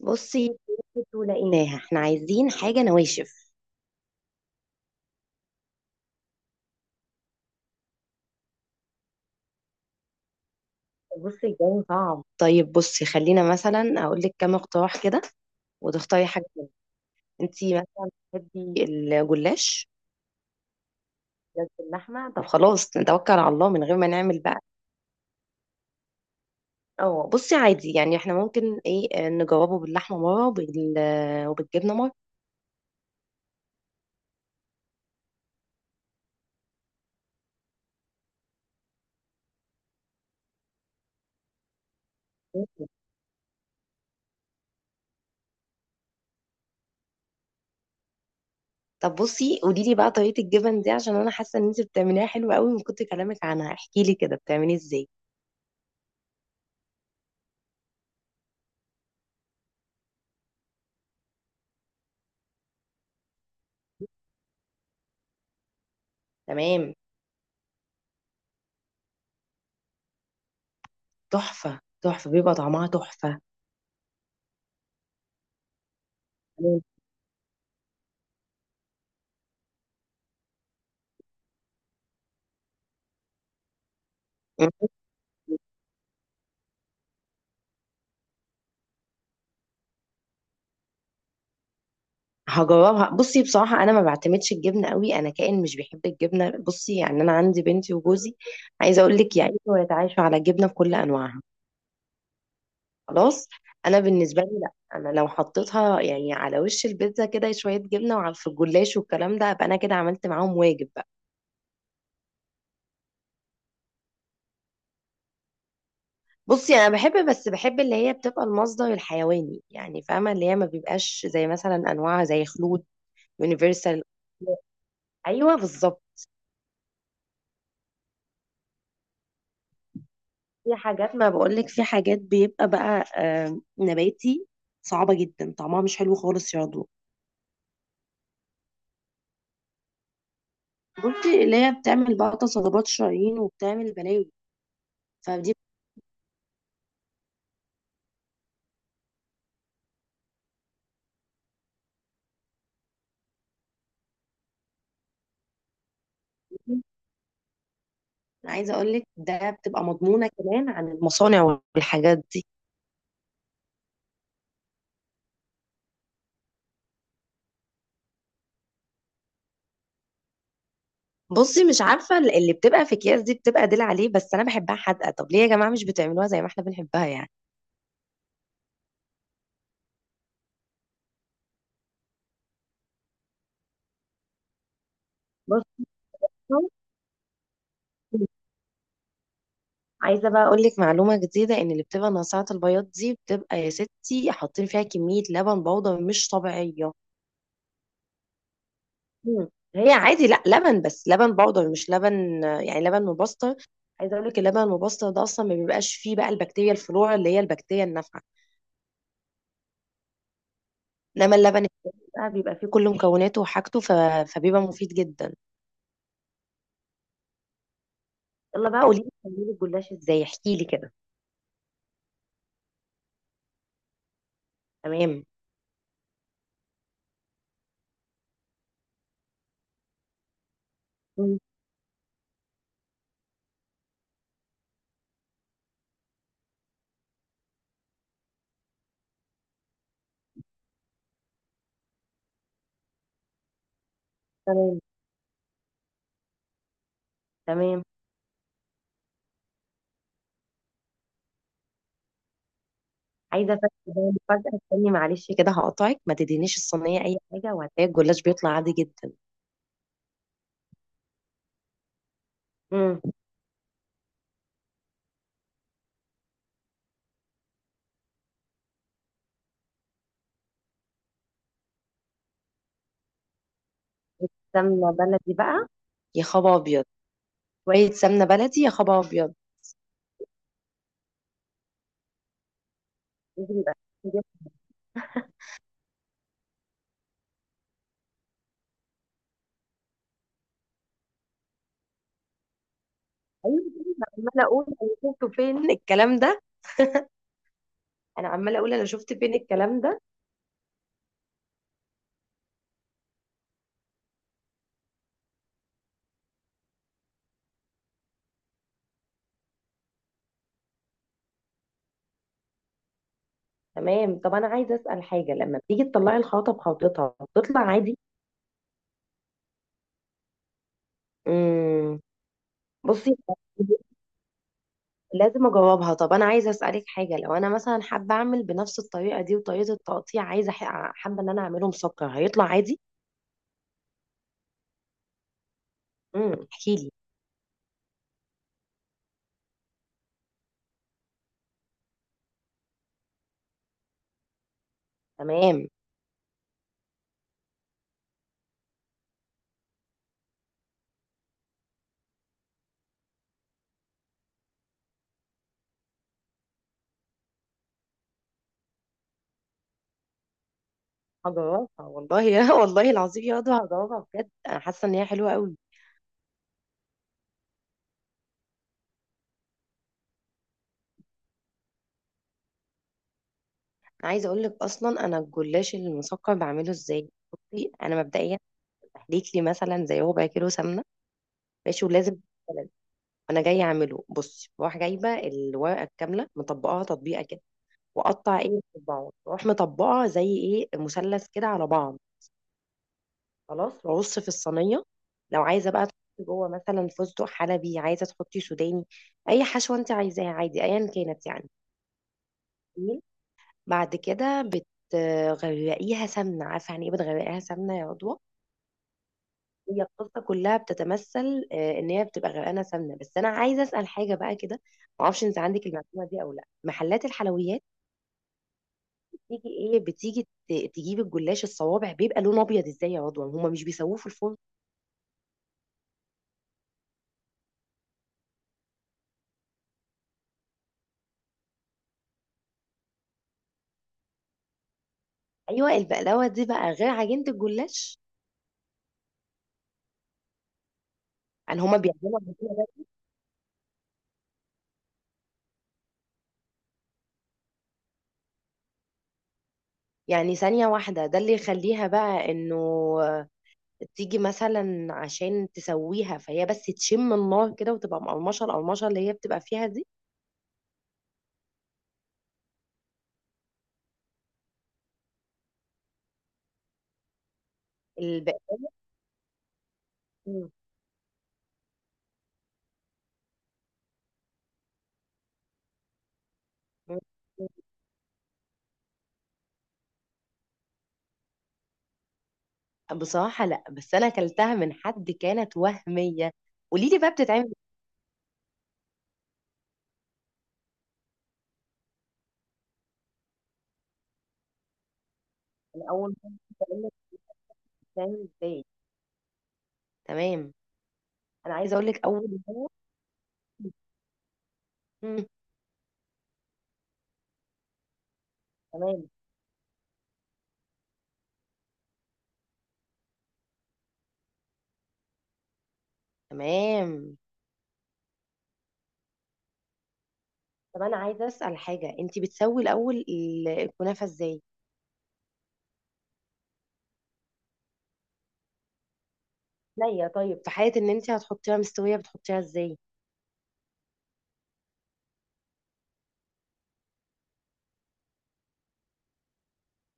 بصي ولقيناها احنا عايزين حاجة نواشف. بصي الجو صعب، طيب بصي خلينا مثلا اقول لك كام اقتراح كده وتختاري حاجة منهم. انتي مثلا بتحبي الجلاش؟ جلاش باللحمة، طب خلاص نتوكل على الله من غير ما نعمل بقى. اه بصي عادي، يعني احنا ممكن ايه نجربه باللحمة مرة وبالجبنة مرة. طب بصي قولي لي بقى طريقة الجبن دي، عشان انا حاسة ان انتي بتعمليها حلوة قوي من كتر كلامك عنها. احكي لي كده بتعملي ازاي. تمام. تحفة، تحفة، بيبقى طعمها تحفة. إمم، إمم، هاجرّبها. بُصّي بصراحة أنا ما باعتمدش الجبنة أوي، أنا كائن مش بيحب الجبنة، بُصّي، يعني أنا عندي بنتي وجوزي عايزة أقول لِك يعيشوا ويتعايشوا على الجبنة بكل أنواعها. خلاص؟ أنا بالنسبة لي لأ، أنا لو حطيتها يعني على وش البيتزا كده شوية جبنة وعلى في الجلاش والكلام ده، أبقى أنا كده عملت معاهم واجب بقى. بُصّي، أنا باحب، بس باحب اللي هي بتبقى المصدر الحيواني، يعني فاهمة؟ اللي هي ما بيبقاش زي مثلًا أنواع زي خلود، يونيفرسال. أيوه بالضبط. في حاجات، ما بقولك في حاجات بيبقى بقى نباتي، صعبة جدا طعمها مش حلو خالص يا ضوء. بصي اللي هي بتعمل بقى تصلبات شرايين وبتعمل بلاوي. فدي. أنا عايزة أقولك ده بتبقى مضمونة كمان عن المصانع والحاجات دي. بصي مش عارفة اللي بتبقى في أكياس دي بتبقى قليل عليه، بس أنا بحبها حادقة. طب ليه يا جماعة مش بتعملوها زي ما احنا بنحبها يعني؟ بصي عايزة بقى أقول لك معلومة جديدة، إن اللي بتبقى ناصعة البياض دي بتبقى يا ستي حاطين فيها كمية لبن بودرة مش طبيعية. مم. هي عادي لا لبن، بس لبن بودر مش لبن، يعني لبن مبستر. عايزه اقول لك اللبن المبستر ده اصلا ما بيبقاش فيه بقى البكتيريا الفلورا، اللي هي البكتيريا النافعه. انما اللبن التاني بقى بيبقى فيه كل مكوناته وحاجته فبيبقى مفيد جدا. يلا بقى قولي لي بتعملي الجلاش ازاي، احكي لي كده. تمام. مم. تمام. تمام. عايزه افاجئك فجاه، استني معلش كده هقطعك. ما تدينيش الصينيه اي حاجه وهتلاقي الجلاش بيطلع عادي جدا. امم. سمنه بلدي بقى؟ يا خبر ابيض. شويه سمنه بلدي، يا خبر ابيض. نجيب. نجيب. ايوه. عماله اقول انا شفته فين الكلام ده انا عماله اقول انا شفت فين الكلام ده. تمام. طب انا عايزه اسال حاجه، لما بتيجي تطلعي الخلطه بخلطتها بتطلع عادي؟ امم. بصي لازم اجاوبها. طب انا عايزه اسالك حاجه، لو انا مثلا حابه اعمل بنفس الطريقه دي وطريقه التقطيع، عايزه حابه ان انا اعمله مسكر، هيطلع عادي؟ امم، احكي لي. تمام. هجاوبها والله. يا والله العظيم يا ندى، هجاوبها بجد، انا حاسه ان هي حلوه قوي. انا عايزه اقول لك اصلا انا الجلاش المسكر بعمله ازاي. بصي انا مبدئيا بحليك لي مثلا زي ربع كيلو سمنه، ماشي؟ ولازم بلد. انا جايه اعمله. بصي بروح جايبه الورقه الكامله مطبقاها تطبيقه كده، واقطع ايه مربعات، واروح مطبقه زي ايه مثلث كده على بعض. خلاص وارص في الصينيه. لو عايزه بقى تحطي جوه مثلا فستق حلبي، عايزه تحطي سوداني، اي حشوه انت عايزاها عادي ايا كانت يعني. بعد كده بتغرقيها سمنه، عارفه يعني ايه بتغرقيها سمنه يا عضوة؟ هي القصه كلها بتتمثل ان هي بتبقى غرقانه سمنه. بس انا عايزه اسال حاجه بقى كده، ما اعرفش انت عندك المعلومه دي او لا. محلات الحلويات بتيجي، ايه بتيجي تجيب الجلاش الصوابع بيبقى لونه ابيض ازاي يا رضوى؟ هما مش بيسووه في الفرن؟ ايوه البقلاوه دي بقى غير عجينه الجلاش. يعني هما بيعملوها بالطريقة دي. يعني ثانيه واحده ده اللي يخليها بقى انه آه، تيجي مثلا عشان تسويها، فهي بس تشم النار كده وتبقى مقرمشه، القرمشه اللي هي بتبقى فيها دي. البقلاوه. بصراحة لا، بس أنا أكلتها من حد كانت وهمية. قولي لي بقى بتتعمل إزاي؟ أنا أول مرة أقول لك. بتتعمل إزاي؟ تمام. أنا عايزة أقول لك أول مرة. مم. تمام. تمام. طب أنا عايزة أسأل حاجة، أنت بتسوي الأول الكنافة إزاي؟ نية، طيب في حالة إن أنت هتحطيها مستوية، بتحطيها إزاي؟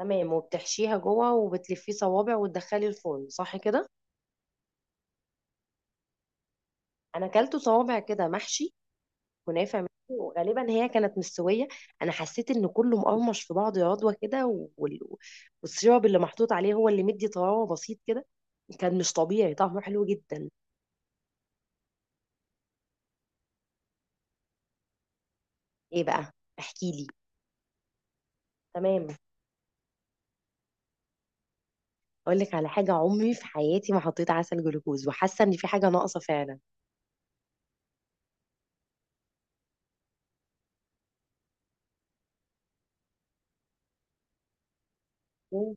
تمام، وبتحشيها جوه وبتلفيه صوابع وتدخلي الفرن صح كده؟ أنا أكلته صوابع كده محشي كنافه منه، وغالبا هي كانت مستويه. انا حسيت ان كله مقرمش في بعض يا رضوى كده، وال- والسيرب اللي محطوط عليه هو اللي مدي طراوه بسيط كده، كان مش طبيعي طعمه حلو جدا. ايه بقى؟ احكي لي. تمام. اقول لك على حاجه، عمري في حياتي ما حطيت عسل جلوكوز، وحاسه ان في حاجه ناقصه فعلا. مم.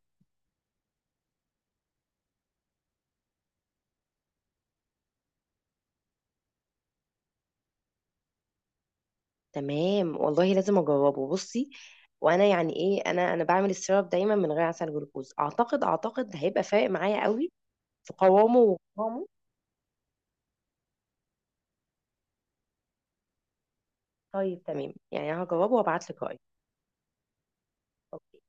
تمام والله، لازم اجربه. بصي وانا يعني ايه، انا بعمل السيرب دايما من غير عسل جلوكوز. اعتقد اعتقد هيبقى فارق معايا قوي في قوامه. وقوامه. طيب تمام، يعني هجاوبه وابعت لك رأيي. أوكي.